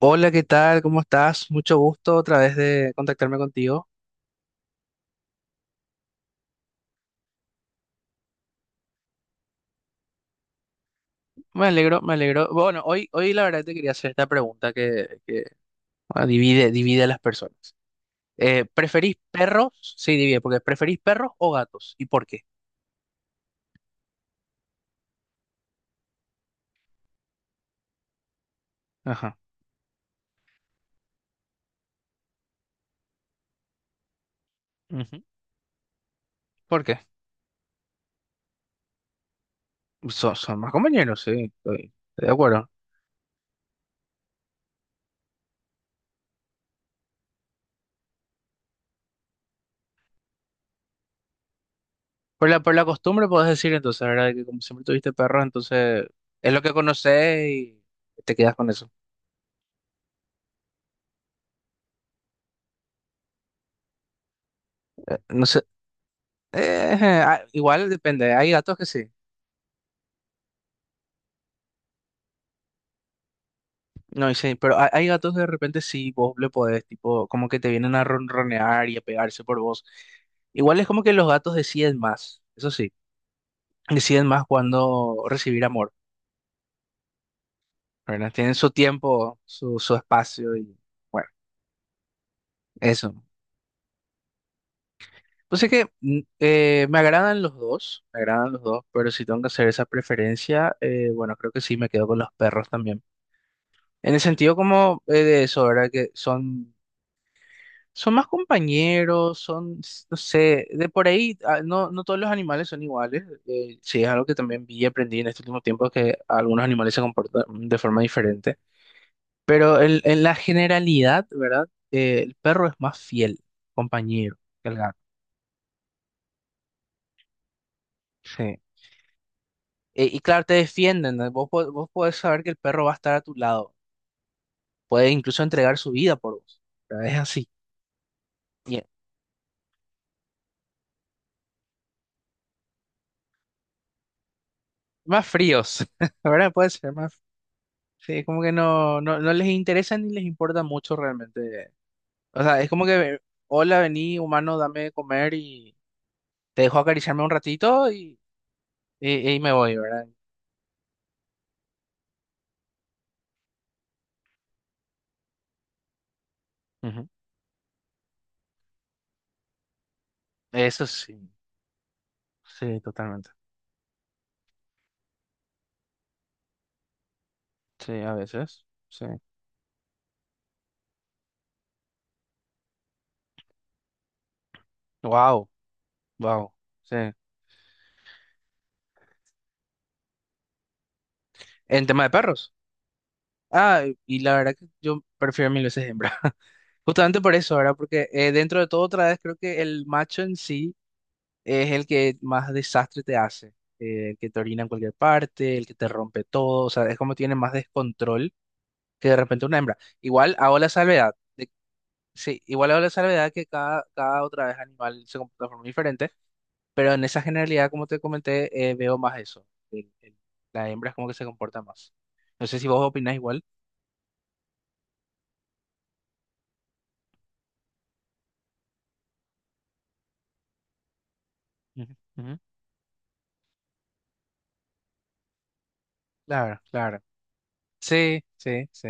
Hola, ¿qué tal? ¿Cómo estás? Mucho gusto otra vez de contactarme contigo. Me alegro, me alegro. Bueno, hoy la verdad te quería hacer esta pregunta que divide, divide a las personas. ¿Preferís perros? Sí, divide, porque ¿preferís perros o gatos? ¿Y por qué? Ajá. Ujú. ¿Por qué? Son, son más compañeros, sí, estoy, estoy de acuerdo. Por la costumbre podés decir entonces, ¿verdad? Que como siempre tuviste perros, entonces es lo que conocés y te quedas con eso. No sé, eh, igual depende, hay gatos que sí. No, y sí, pero hay gatos que de repente sí, vos le podés, tipo, como que te vienen a ronronear y a pegarse por vos. Igual es como que los gatos deciden más, eso sí, deciden más cuando recibir amor, ¿verdad? Tienen su tiempo, su espacio y bueno, eso. Pues es que me agradan los dos, me agradan los dos, pero si tengo que hacer esa preferencia, bueno, creo que sí, me quedo con los perros también. En el sentido como de eso, ¿verdad? Que son son más compañeros, son, s- no sé, de por ahí, ah, no, no todos los animales son iguales. Sí, es algo que también vi y aprendí en este último tiempo, que algunos animales se comportan de forma diferente. Pero el- en la generalidad, ¿verdad? El perro es más fiel, compañero, que el gato. Sí. E- y claro, te defienden, ¿no? Vos, po- vos podés saber que el perro va a estar a tu lado, puede incluso entregar su vida por vos. ¿Verdad? Es así. Y- más fríos, ¿verdad? Puede ser más sí, es como que no, no, no les interesa ni les importa mucho realmente. O sea, es como que, hola, vení, humano, dame de comer y te dejo acariciarme un ratito y me voy, ¿verdad? Ujú. Eso sí, sí, totalmente. Sí, a veces, sí. Wow, wow, sí. En tema de perros. Ah, y la verdad que yo prefiero mil veces hembra. Justamente por eso, ¿verdad? Porque dentro de todo, otra vez creo que el macho en sí. Es el que más desastre te hace, el que te orina en cualquier parte, el que te rompe todo, o sea, es como tiene más descontrol que de repente una hembra. Igual hago la salvedad, de- sí, igual hago la salvedad que cada, cada otra vez animal se comporta de forma diferente, pero en esa generalidad, como te comenté, veo más eso, el- la hembra es como que se comporta más. No sé si vos opinás igual. Ujú, ujú. Claro, claro. Sí, sí, sí.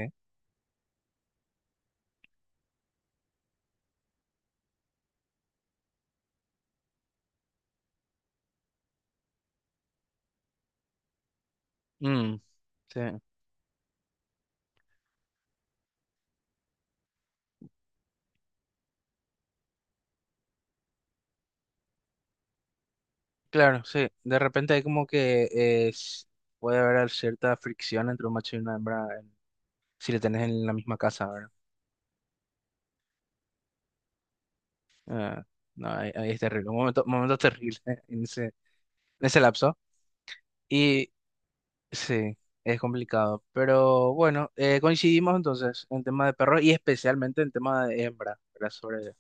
Mm, sí. Claro, sí. De repente hay como que s- puede haber cierta fricción entre un macho y una hembra en- si le tenés en la misma casa, ¿verdad? Ah, no, ahí, ahí es terrible. Un momento, momento terrible en ese lapso. Y sí, es complicado. Pero bueno, coincidimos entonces en tema de perros y especialmente en tema de hembra, ¿verdad? Sobre,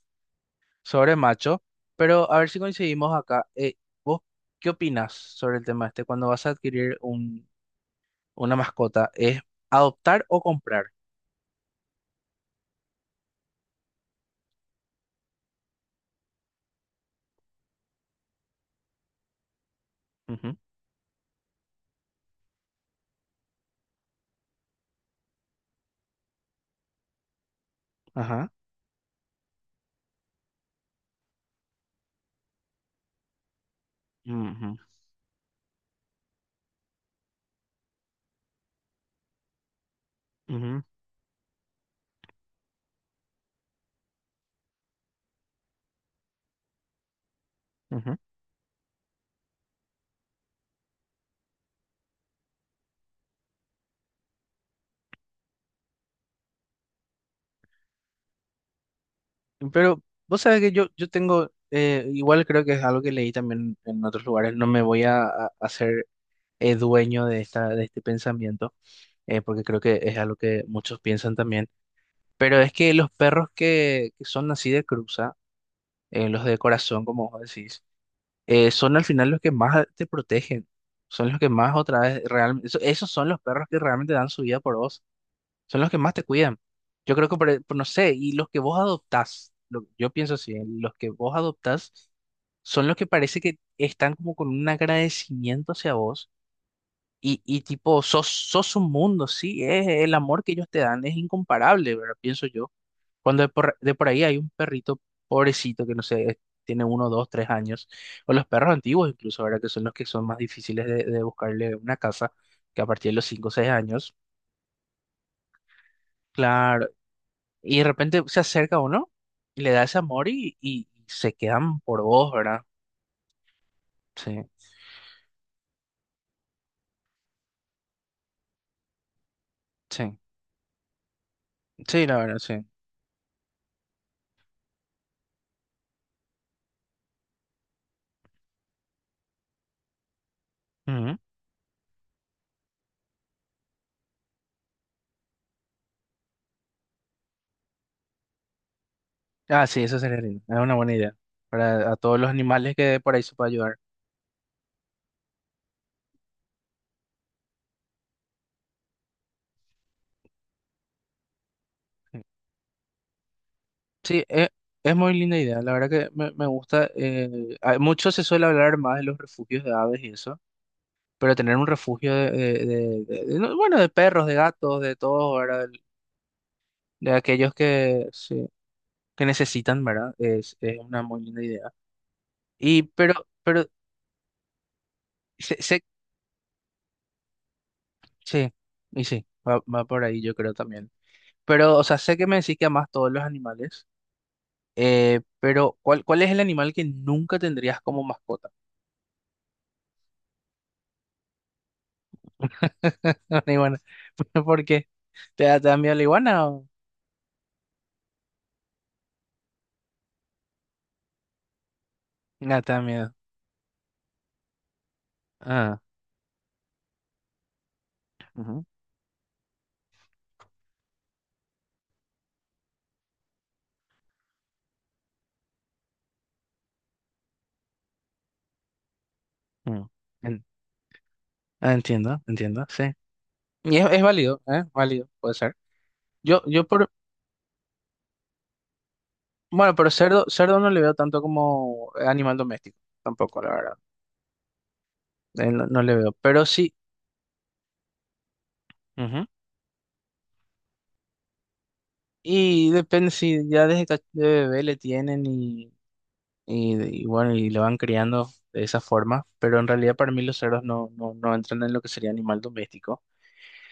sobre macho. Pero a ver si coincidimos acá. ¿Vos qué opinás sobre el tema este? Cuando vas a adquirir un, una mascota, ¿es adoptar o comprar? Ujú, ajá. Ujú, ujú, ujú. Pero vos sabés que yo tengo, igual creo que es algo que leí también en otros lugares, no me voy a ser dueño de esta, de este pensamiento, porque creo que es algo que muchos piensan también, pero es que los perros que son así de cruza, los de corazón, como vos decís, son al final los que más te protegen, son los que más otra vez realmente, esos son los perros que realmente dan su vida por vos. Son los que más te cuidan. Yo creo que, por, e, por- no sé, y los que vos adoptás, lo- yo pienso así, ¿eh? Los que vos adoptás son los que parece que están como con un agradecimiento hacia vos y tipo, sos, sos un mundo, sí, es el amor que ellos te dan, es incomparable, ¿verdad? Pienso yo. Cuando de por ahí hay un perrito pobrecito que no sé, es- tiene 1, 2, 3 años, o los perros antiguos incluso, ¿verdad? Que son los que son más difíciles de buscarle una casa, que a partir de los 5 o 6 años. Claro. Y de repente se acerca uno y le da ese amor y se quedan por vos, ¿verdad? Sí, sí, sí, la verdad, sí. Ujú. Ah, sí, eso sería lindo. Es una buena idea para a todos los animales que por ahí se puede ayudar. Sí, sí, es muy linda idea. La verdad que me gusta. Hay- mucho se suele hablar más de los refugios de aves y eso, pero tener un refugio de- no, bueno, de perros, de gatos, de todos, ¿verdad? De aquellos que, sí, que necesitan, ¿verdad? Es una muy linda idea. Y pero, sé, sé- sí, y sí, va, va por ahí yo creo también. Pero, o sea, sé que me decís que amás todos los animales, pero ¿cuál, cuál es el animal que nunca tendrías como mascota? Una iguana. ¿Por qué? Te da miedo la iguana o...? No, te da miedo. Ah, ujú, mm. En- ah, entiendo, entiendo, sí. Y es válido, ¿eh? Válido, puede ser. Yo por... Bueno, pero cerdo, cerdo no le veo tanto como animal doméstico, tampoco, la verdad. No, no le veo. Pero sí, ujú. Y depende si ya desde cach- de bebé le tienen y bueno, y le van criando de esa forma. Pero en realidad para mí los cerdos no, no, no entran en lo que sería animal doméstico.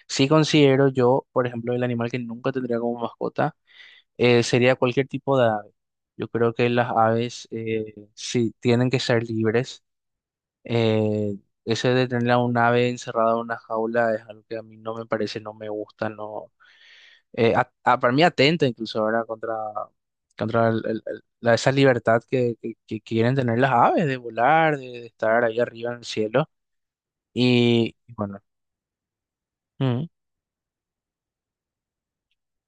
Sí considero yo, por ejemplo, el animal que nunca tendría como mascota sería cualquier tipo de ave. Yo creo que las aves sí tienen que ser libres. Eh, ese de tener a un ave encerrada en una jaula es algo que a mí no me parece, no me gusta, no, a- para mí atenta incluso, ¿verdad? Contra, contra el- la, esa libertad que quieren tener las aves de volar, de estar ahí arriba en el cielo. Y bueno, mm,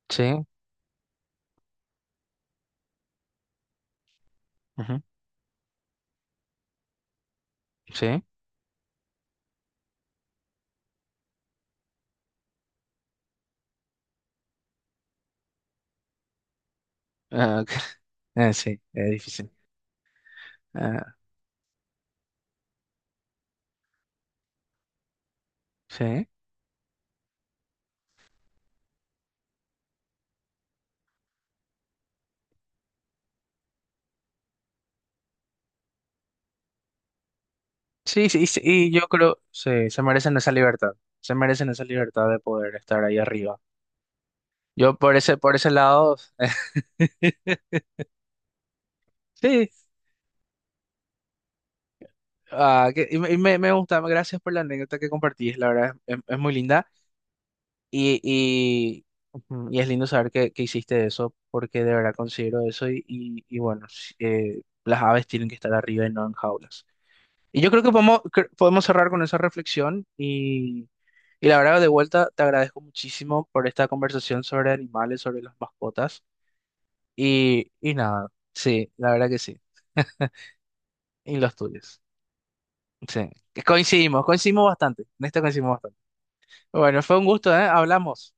sí, ujú, sí, ah, ok, sí, es difícil. Ah, sí, sí, sí, sí, y yo creo, sí, se merecen esa libertad, se merecen esa libertad de poder estar ahí arriba. Yo por ese lado, sí, ah, que- y me- me gusta, gracias por la anécdota que compartís, la verdad es muy linda. Y, ujú, y es lindo saber que hiciste eso, porque de verdad considero eso. Y bueno, s- las aves tienen que estar arriba y no en jaulas. Y yo creo que podemos, cre- podemos cerrar con esa reflexión. Y la verdad, de vuelta, te agradezco muchísimo por esta conversación sobre animales, sobre las mascotas. Y nada, sí, la verdad que sí. Y los tuyos. Sí, coincidimos, coincidimos bastante. En esto coincidimos bastante. Bueno, fue un gusto, ¿eh? Hablamos.